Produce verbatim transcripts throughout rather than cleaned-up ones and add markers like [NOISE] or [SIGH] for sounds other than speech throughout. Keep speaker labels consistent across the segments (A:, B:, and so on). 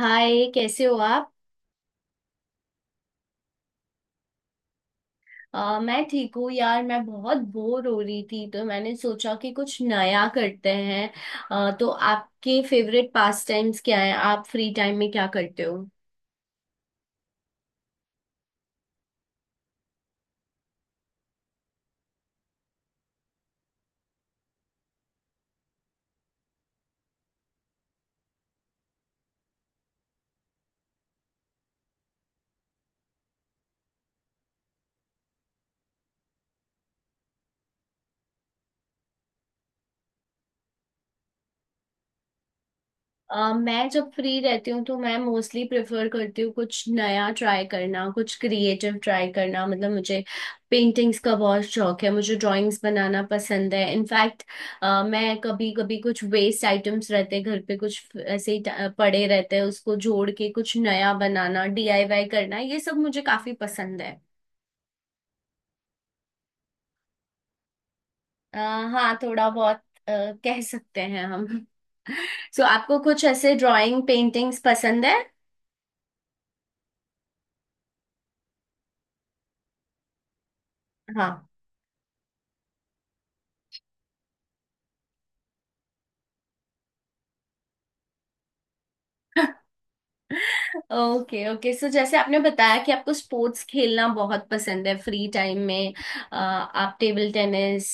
A: हाय कैसे हो आप। अ, मैं ठीक हूँ यार। मैं बहुत बोर हो रही थी तो मैंने सोचा कि कुछ नया करते हैं। अ, तो आपके फेवरेट पास टाइम्स क्या हैं? आप फ्री टाइम में क्या करते हो? अ, मैं जब फ्री रहती हूँ तो मैं मोस्टली प्रेफर करती हूँ कुछ नया ट्राई करना, कुछ क्रिएटिव ट्राई करना। मतलब मुझे पेंटिंग्स का बहुत शौक है, मुझे ड्राइंग्स बनाना पसंद है। इनफैक्ट मैं कभी कभी, कुछ वेस्ट आइटम्स रहते हैं घर पे कुछ ऐसे ही ट- पड़े रहते हैं, उसको जोड़ के कुछ नया बनाना, डी आई वाई करना, ये सब मुझे काफी पसंद है। अ, हाँ थोड़ा बहुत अ, कह सकते हैं हम। [LAUGHS] सो so, आपको कुछ ऐसे ड्राइंग पेंटिंग्स पसंद है? हाँ। [LAUGHS] Okay okay. सो जैसे आपने बताया कि आपको स्पोर्ट्स खेलना बहुत पसंद है फ्री टाइम में, अ, आप टेबल टेनिस,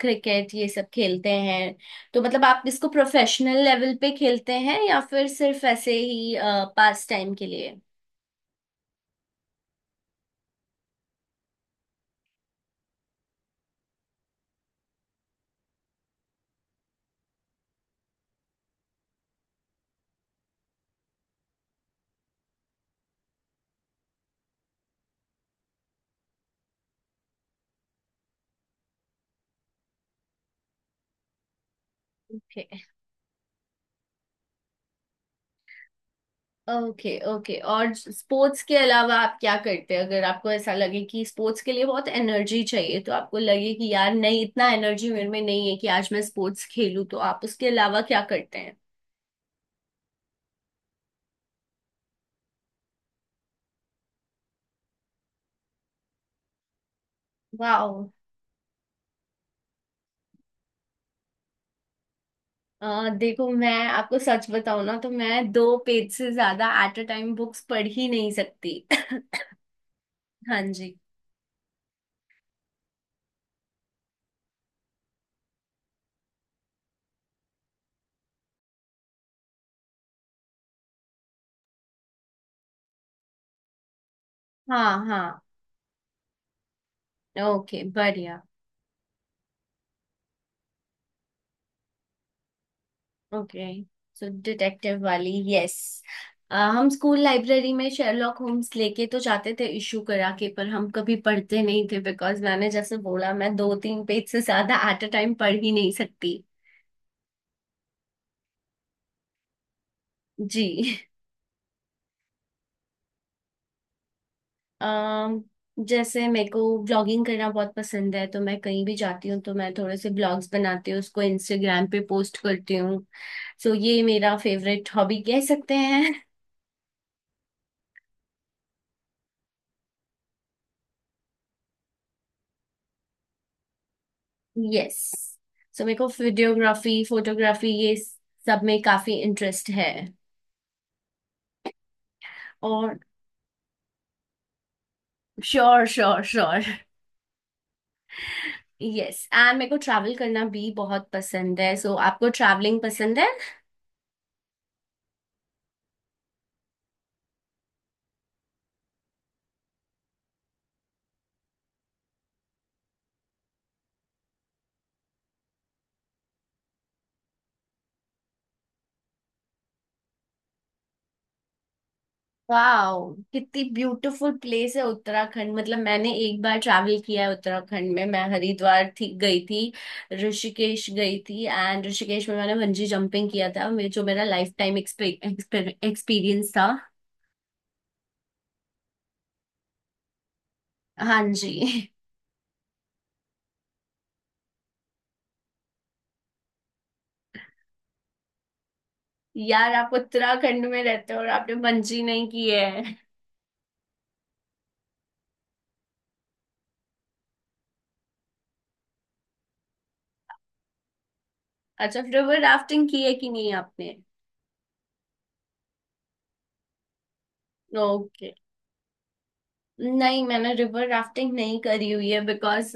A: क्रिकेट ये सब खेलते हैं। तो मतलब आप इसको प्रोफेशनल लेवल पे खेलते हैं या फिर सिर्फ ऐसे ही पास टाइम के लिए? ओके। Okay okay. और स्पोर्ट्स के अलावा आप क्या करते हैं? अगर आपको ऐसा लगे कि स्पोर्ट्स के लिए बहुत एनर्जी चाहिए तो आपको लगे कि यार नहीं, इतना एनर्जी मेरे में नहीं है कि आज मैं स्पोर्ट्स खेलूं, तो आप उसके अलावा क्या करते हैं? वाह। अ, देखो मैं आपको सच बताऊं ना, तो मैं दो पेज से ज्यादा एट अ टाइम बुक्स पढ़ ही नहीं सकती। [LAUGHS] हाँ जी। हाँ हाँ। ओके बढ़िया। ओके, सो डिटेक्टिव वाली, यस। हम स्कूल लाइब्रेरी में शेरलॉक होम्स लेके तो जाते थे, इशू करा के, पर हम कभी पढ़ते नहीं थे बिकॉज मैंने जैसे बोला, मैं दो तीन पेज से ज्यादा एट अ टाइम पढ़ ही नहीं सकती। जी। अम, जैसे मेरे को ब्लॉगिंग करना बहुत पसंद है। तो मैं कहीं भी जाती हूँ तो मैं थोड़े से ब्लॉग्स बनाती हूँ, उसको इंस्टाग्राम पे पोस्ट करती हूँ। सो ये मेरा फेवरेट हॉबी कह सकते हैं। यस, सो मेरे को वीडियोग्राफी, फोटोग्राफी ये सब में काफी इंटरेस्ट है। और sure sure sure. Yes, and मेरे को ट्रैवल करना भी बहुत पसंद है। सो आपको ट्रैवलिंग पसंद है? वाह, कितनी ब्यूटीफुल प्लेस है उत्तराखंड। मतलब मैंने एक बार ट्रैवल किया है उत्तराखंड में, मैं हरिद्वार थी गई थी, ऋषिकेश गई थी, एंड ऋषिकेश में मैंने बंजी जंपिंग किया था, मे- जो मेरा लाइफ टाइम एक्सपीरियंस था। हाँ जी। [LAUGHS] यार आप उत्तराखंड में रहते हो और आपने बंजी नहीं की है! अच्छा फिर वो राफ्टिंग की है कि नहीं आपने? ओके। नहीं मैंने रिवर राफ्टिंग नहीं करी हुई है बिकॉज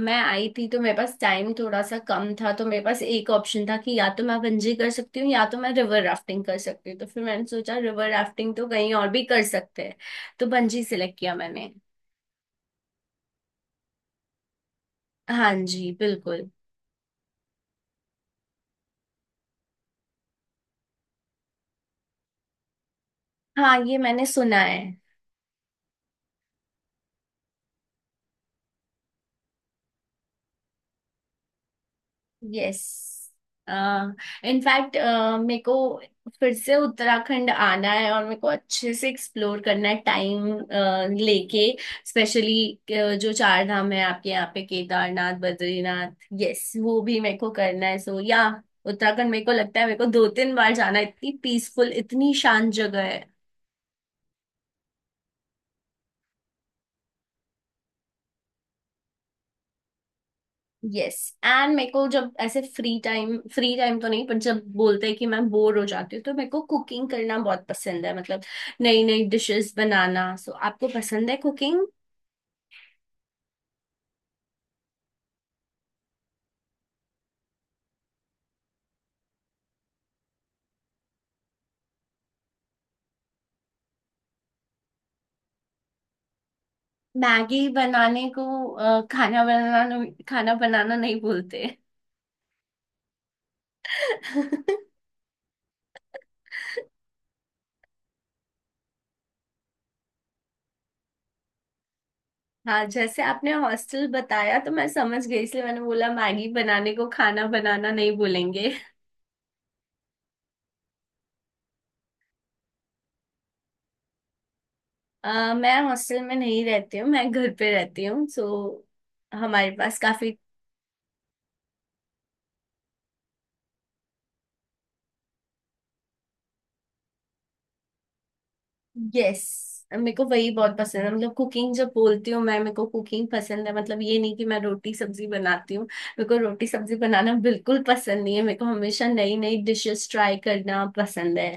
A: मैं आई थी तो मेरे पास टाइम थोड़ा सा कम था, तो मेरे पास एक ऑप्शन था कि या तो मैं बंजी कर सकती हूँ या तो मैं रिवर राफ्टिंग कर सकती हूँ, तो फिर मैंने सोचा रिवर राफ्टिंग तो कहीं और भी कर सकते हैं, तो बंजी सिलेक्ट किया मैंने। हाँ जी बिल्कुल। हाँ ये मैंने सुना है। यस, इनफैक्ट मेरे को फिर से उत्तराखंड आना है और मेरे को अच्छे से एक्सप्लोर करना है टाइम लेके। स्पेशली जो चार धाम है आपके यहाँ पे, केदारनाथ, बद्रीनाथ, यस वो भी मेरे को करना है। सो या उत्तराखंड मेरे को लगता है मेरे को दो तीन बार जाना है, इतनी पीसफुल, इतनी शांत जगह है। यस, एंड मेरे को जब ऐसे फ्री टाइम, फ्री टाइम तो नहीं पर जब बोलते हैं कि मैं बोर हो जाती हूँ, तो मेरे को कुकिंग करना बहुत पसंद है। मतलब नई नई डिशेस बनाना। सो आपको पसंद है कुकिंग? मैगी बनाने को अ, खाना बनाना, खाना बनाना नहीं बोलते। [LAUGHS] हाँ जैसे आपने हॉस्टल बताया तो मैं समझ गई, इसलिए मैंने बोला मैगी बनाने को खाना बनाना नहीं बोलेंगे। अ, मैं हॉस्टल में नहीं रहती हूँ, मैं घर पे रहती हूँ। सो हमारे पास काफी, यस मेरे को वही बहुत पसंद है। मतलब कुकिंग जब बोलती हूँ मैं, मेरे को कुकिंग पसंद है, मतलब ये नहीं कि मैं रोटी सब्जी बनाती हूँ। मेरे को रोटी सब्जी बनाना बिल्कुल पसंद नहीं है, मेरे को हमेशा नई नई डिशेस ट्राई करना पसंद है।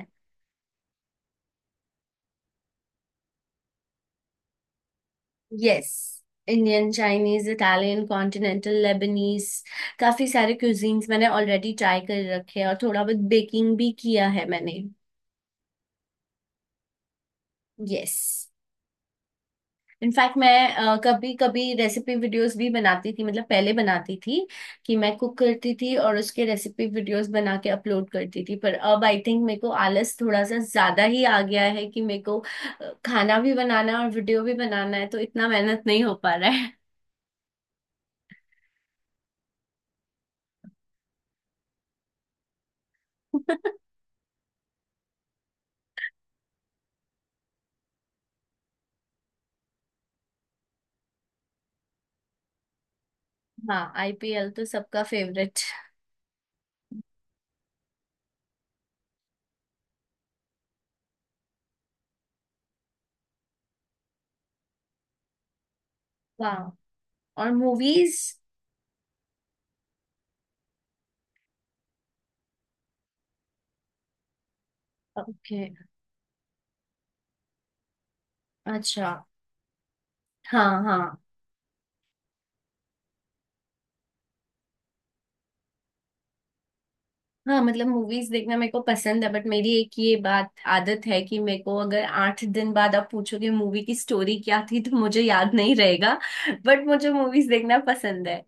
A: Yes, Indian, Chinese, Italian, continental, Lebanese, काफी सारे क्यूजीन्स मैंने ऑलरेडी ट्राई कर रखे हैं, और थोड़ा बहुत बेकिंग भी किया है मैंने। यस, इनफैक्ट मैं अ, कभी कभी रेसिपी वीडियोस भी बनाती थी। मतलब पहले बनाती थी कि मैं कुक करती थी और उसके रेसिपी वीडियोस बना के अपलोड करती थी, पर अब आई थिंक मेरे को आलस थोड़ा सा ज्यादा ही आ गया है कि मेरे को अ, खाना भी बनाना है और वीडियो भी बनाना है तो इतना मेहनत नहीं हो पा रहा है। [LAUGHS] हाँ आई पी एल तो सबका फेवरेट। वाह, और मूवीज? ओके। अच्छा। हाँ हाँ। हाँ मतलब मूवीज देखना मेरे को पसंद है, बट मेरी एक ये बात आदत है कि मेरे को अगर आठ दिन बाद आप पूछोगे मूवी की स्टोरी क्या थी तो मुझे याद नहीं रहेगा। बट मुझे मूवीज देखना पसंद है।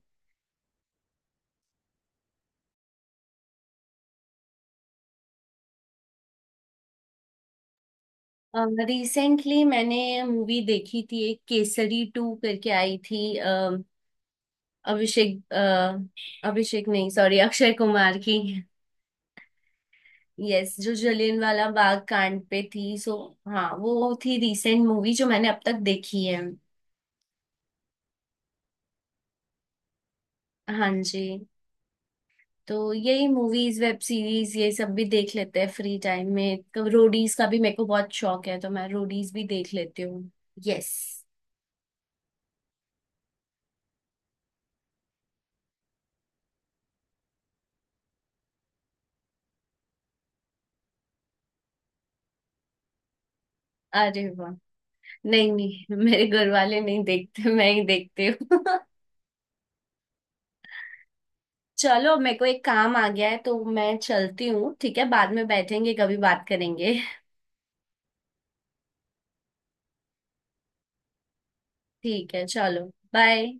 A: रिसेंटली मैंने मूवी देखी थी एक, केसरी टू करके आई थी। अम, अभिषेक अ, अभिषेक नहीं सॉरी, अक्षय कुमार की। यस, जो जलियांवाला बाग कांड पे थी। सो हाँ, वो थी रिसेंट मूवी जो मैंने अब तक देखी है। हाँ जी। तो यही, मूवीज, वेब सीरीज ये सब भी देख लेते हैं फ्री टाइम में। तो रोडीज का भी मेरे को बहुत शौक है, तो मैं रोडीज भी देख लेती हूँ। यस। अरे वाह। नहीं नहीं मेरे घर वाले नहीं देखते, मैं ही देखती हूँ। [LAUGHS] चलो मेरे को एक काम आ गया है, तो मैं चलती हूँ। ठीक है, बाद में बैठेंगे कभी बात करेंगे। [LAUGHS] ठीक है चलो। बाय।